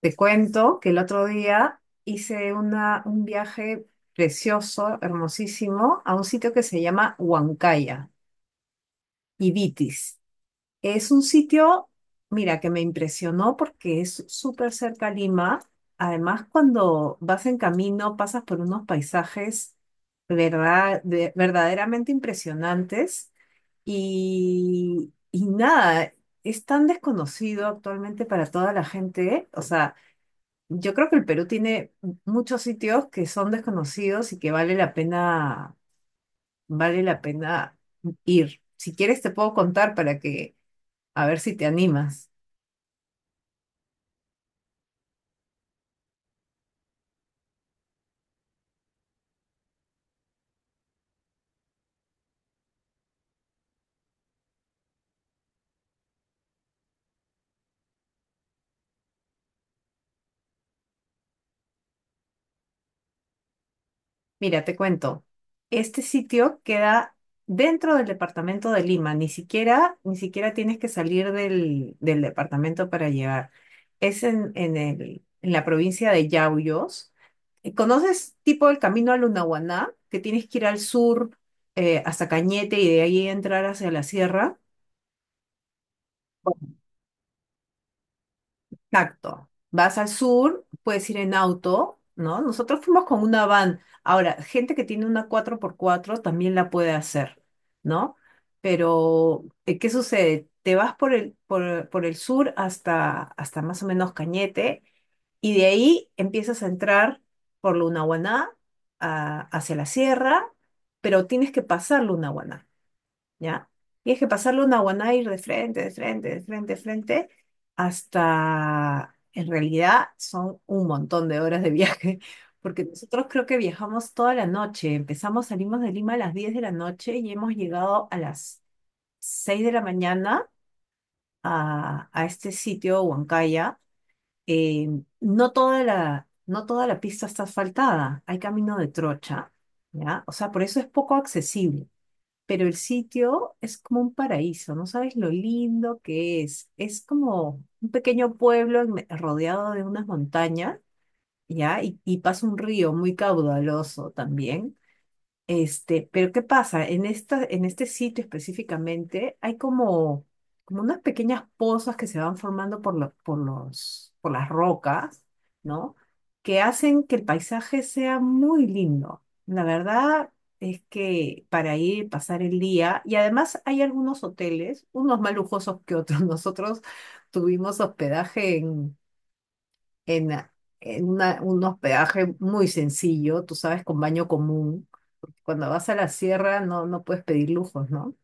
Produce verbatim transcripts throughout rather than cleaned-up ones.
Te cuento que el otro día hice una, un viaje precioso, hermosísimo, a un sitio que se llama Huancaya, Ibitis. Es un sitio, mira, que me impresionó porque es súper cerca a Lima. Además, cuando vas en camino, pasas por unos paisajes verdad- de- verdaderamente impresionantes. Y, y nada, es tan desconocido actualmente para toda la gente. O sea, yo creo que el Perú tiene muchos sitios que son desconocidos y que vale la pena, vale la pena ir. Si quieres te puedo contar para que, a ver si te animas. Mira, te cuento. Este sitio queda dentro del departamento de Lima. Ni siquiera, ni siquiera tienes que salir del, del departamento para llegar. Es en, en el, en la provincia de Yauyos. eh, ¿Conoces tipo el camino a Lunahuaná? Que tienes que ir al sur eh, hasta Cañete y de ahí entrar hacia la sierra. Exacto. Vas al sur, puedes ir en auto, ¿no? Nosotros fuimos con una van. Ahora, gente que tiene una cuatro por cuatro también la puede hacer, ¿no? Pero, eh, ¿qué sucede? Te vas por el, por, por el sur hasta, hasta más o menos Cañete, y de ahí empiezas a entrar por Lunahuaná a- hacia la sierra, pero tienes que pasar Lunahuaná, ¿ya? Tienes que pasar Lunahuaná y ir de frente, de frente, de frente, de frente, hasta, en realidad, son un montón de horas de viaje, porque nosotros creo que viajamos toda la noche. Empezamos, salimos de Lima a las diez de la noche y hemos llegado a las seis de la mañana a, a este sitio, Huancaya. eh, no toda la, no toda la pista está asfaltada, hay camino de trocha, ¿ya? O sea, por eso es poco accesible, pero el sitio es como un paraíso, no sabes lo lindo que es. Es como un pequeño pueblo en me- rodeado de unas montañas, ¿ya? Y, y pasa un río muy caudaloso también. Este, pero ¿qué pasa? En esta, en este sitio específicamente hay como, como unas pequeñas pozas que se van formando por los, por los, por las rocas, ¿no? Que hacen que el paisaje sea muy lindo. La verdad es que para ir, pasar el día, y además hay algunos hoteles, unos más lujosos que otros. Nosotros tuvimos hospedaje en, en, en una- un hospedaje muy sencillo, tú sabes, con baño común. Cuando vas a la sierra no, no puedes pedir lujos, ¿no?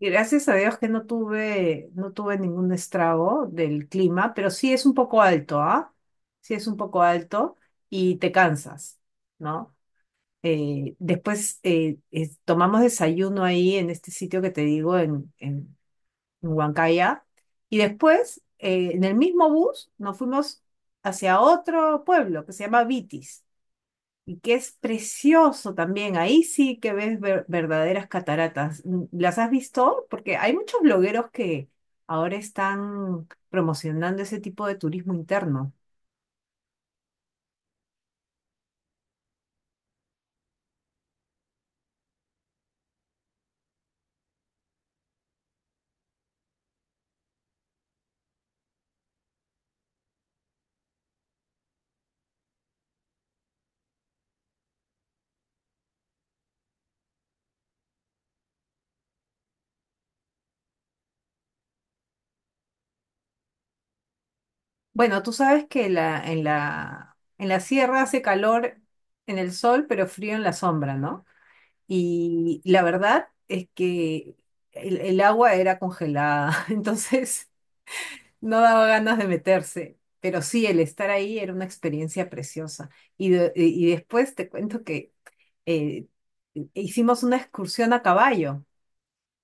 Y gracias a Dios que no tuve, no tuve ningún estrago del clima, pero sí es un poco alto, ¿ah? Sí es un poco alto y te cansas, ¿no? Eh, después eh, es- tomamos desayuno ahí en este sitio que te digo, en, en, en Huancaya, y después eh, en el mismo bus nos fuimos hacia otro pueblo que se llama Vitis, y que es precioso también. Ahí sí que ves ver- verdaderas cataratas. Mm, ¿Las has visto? Porque hay muchos blogueros que ahora están promocionando ese tipo de turismo interno. Bueno, tú sabes que la, en la, en la sierra hace calor en el sol, pero frío en la sombra, ¿no? Y la verdad es que el, el agua era congelada. Entonces, no daba ganas de meterse, pero sí, el estar ahí era una experiencia preciosa. Y, de- y y después te cuento que eh, hicimos una excursión a caballo,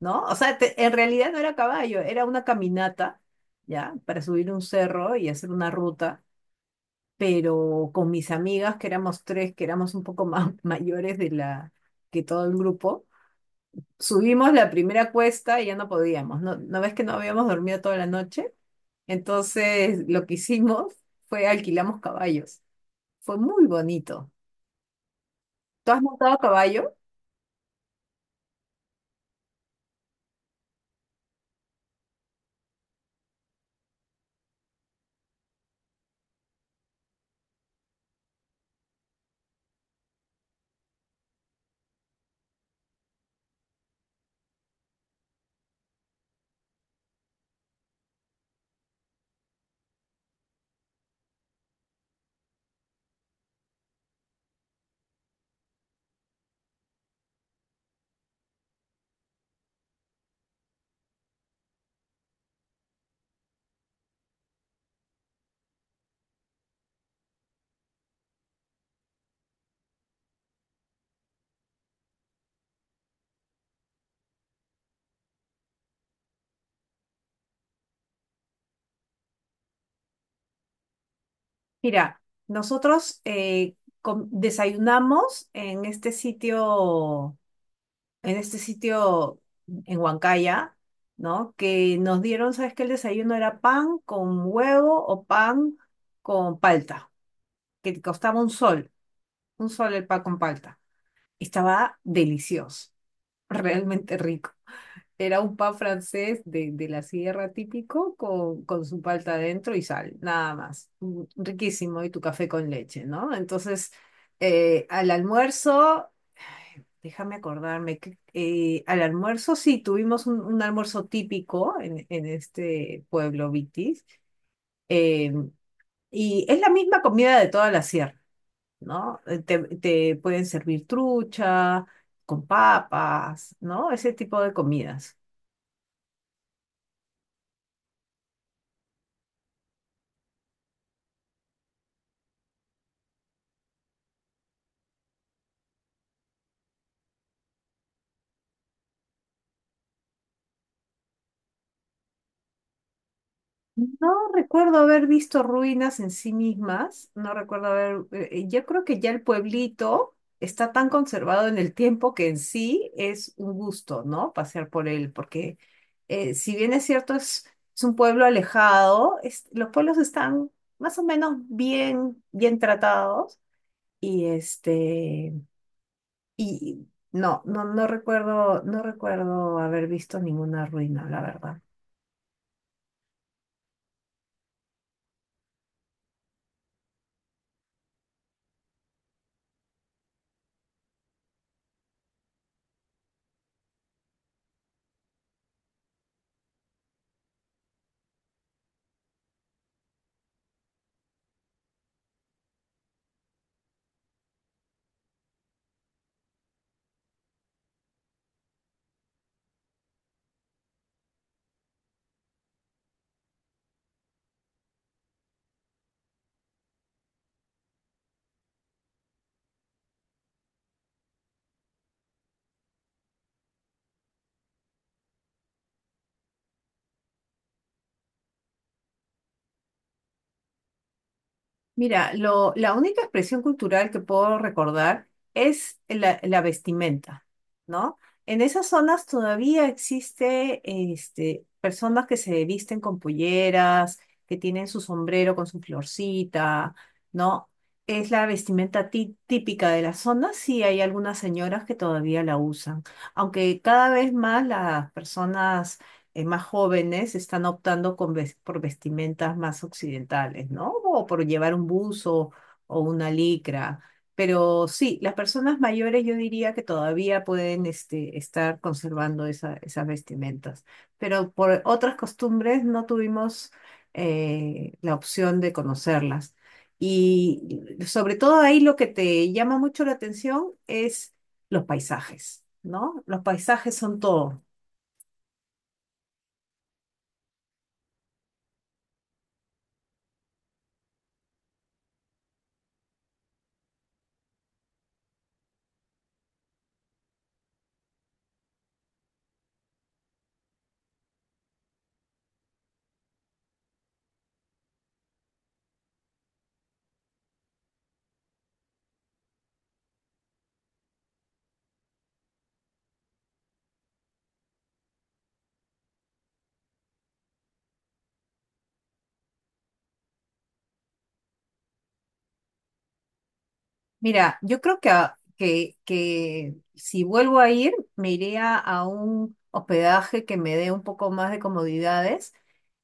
¿no? O sea, te- en realidad no era caballo, era una caminata, ¿ya? Para subir un cerro y hacer una ruta, pero con mis amigas, que éramos tres, que éramos un poco más mayores de la, que todo el grupo, subimos la primera cuesta y ya no podíamos. ¿No, no ves que no habíamos dormido toda la noche? Entonces, lo que hicimos fue alquilamos caballos. Fue muy bonito. ¿Tú has montado caballo? Mira, nosotros eh, com- desayunamos en este sitio, en este sitio en Huancaya, ¿no? Que nos dieron, ¿sabes qué? El desayuno era pan con huevo o pan con palta, que costaba un sol, un sol el pan con palta. Estaba delicioso, realmente rico. Era un pan francés de, de la sierra típico con, con su palta adentro y sal, nada más. Mm, Riquísimo, y tu café con leche, ¿no? Entonces, eh, al almuerzo, ay, déjame acordarme, que, eh, al almuerzo sí, tuvimos un, un almuerzo típico en, en este pueblo Vitis, eh, y es la misma comida de toda la sierra, ¿no? Eh, Te, te pueden servir trucha con papas, ¿no? Ese tipo de comidas. No recuerdo haber visto ruinas en sí mismas, no recuerdo haber, eh, eh, yo creo que ya el pueblito está tan conservado en el tiempo que en sí es un gusto, ¿no? Pasear por él, porque eh, si bien es cierto, es, es un pueblo alejado, es- los pueblos están más o menos bien, bien tratados. Y este, y no, no, no recuerdo, no recuerdo haber visto ninguna ruina, la verdad. Mira, lo, la única expresión cultural que puedo recordar es la, la vestimenta, ¿no? En esas zonas todavía existe, este, personas que se visten con polleras, que tienen su sombrero con su florcita, ¿no? Es la vestimenta tí- típica de la zona, sí hay algunas señoras que todavía la usan, aunque cada vez más las personas eh, más jóvenes están optando con ves- por vestimentas más occidentales, ¿no? O por llevar un buzo o una licra. Pero sí, las personas mayores yo diría que todavía pueden este, estar conservando esa- esas vestimentas. Pero por otras costumbres no tuvimos eh, la opción de conocerlas. Y sobre todo ahí lo que te llama mucho la atención es los paisajes, ¿no? Los paisajes son todo. Mira, yo creo que, a- que, que si vuelvo a ir, me iría a a un hospedaje que me dé un poco más de comodidades,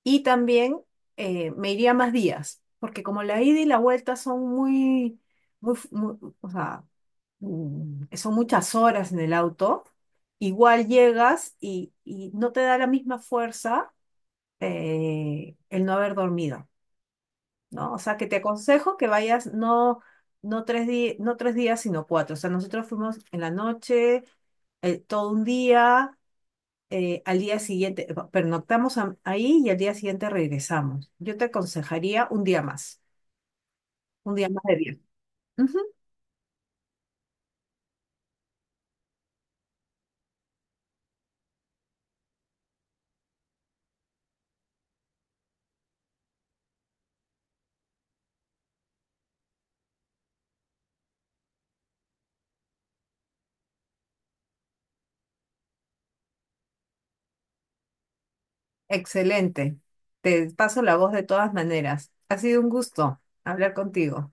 y también eh, me iría más días, porque como la ida y la vuelta son muy, muy, f- muy- o sea, mm, son muchas horas en el auto, igual llegas y, y no te da la misma fuerza eh, el no haber dormido, ¿no? O sea, que te aconsejo que vayas no, no tres di- no tres días, sino cuatro. O sea, nosotros fuimos en la noche, eh, todo un día, eh, al día siguiente, eh, pernoctamos a- ahí y al día siguiente regresamos. Yo te aconsejaría un día más, un día más de viaje. Ujú. Excelente. Te paso la voz de todas maneras. Ha sido un gusto hablar contigo.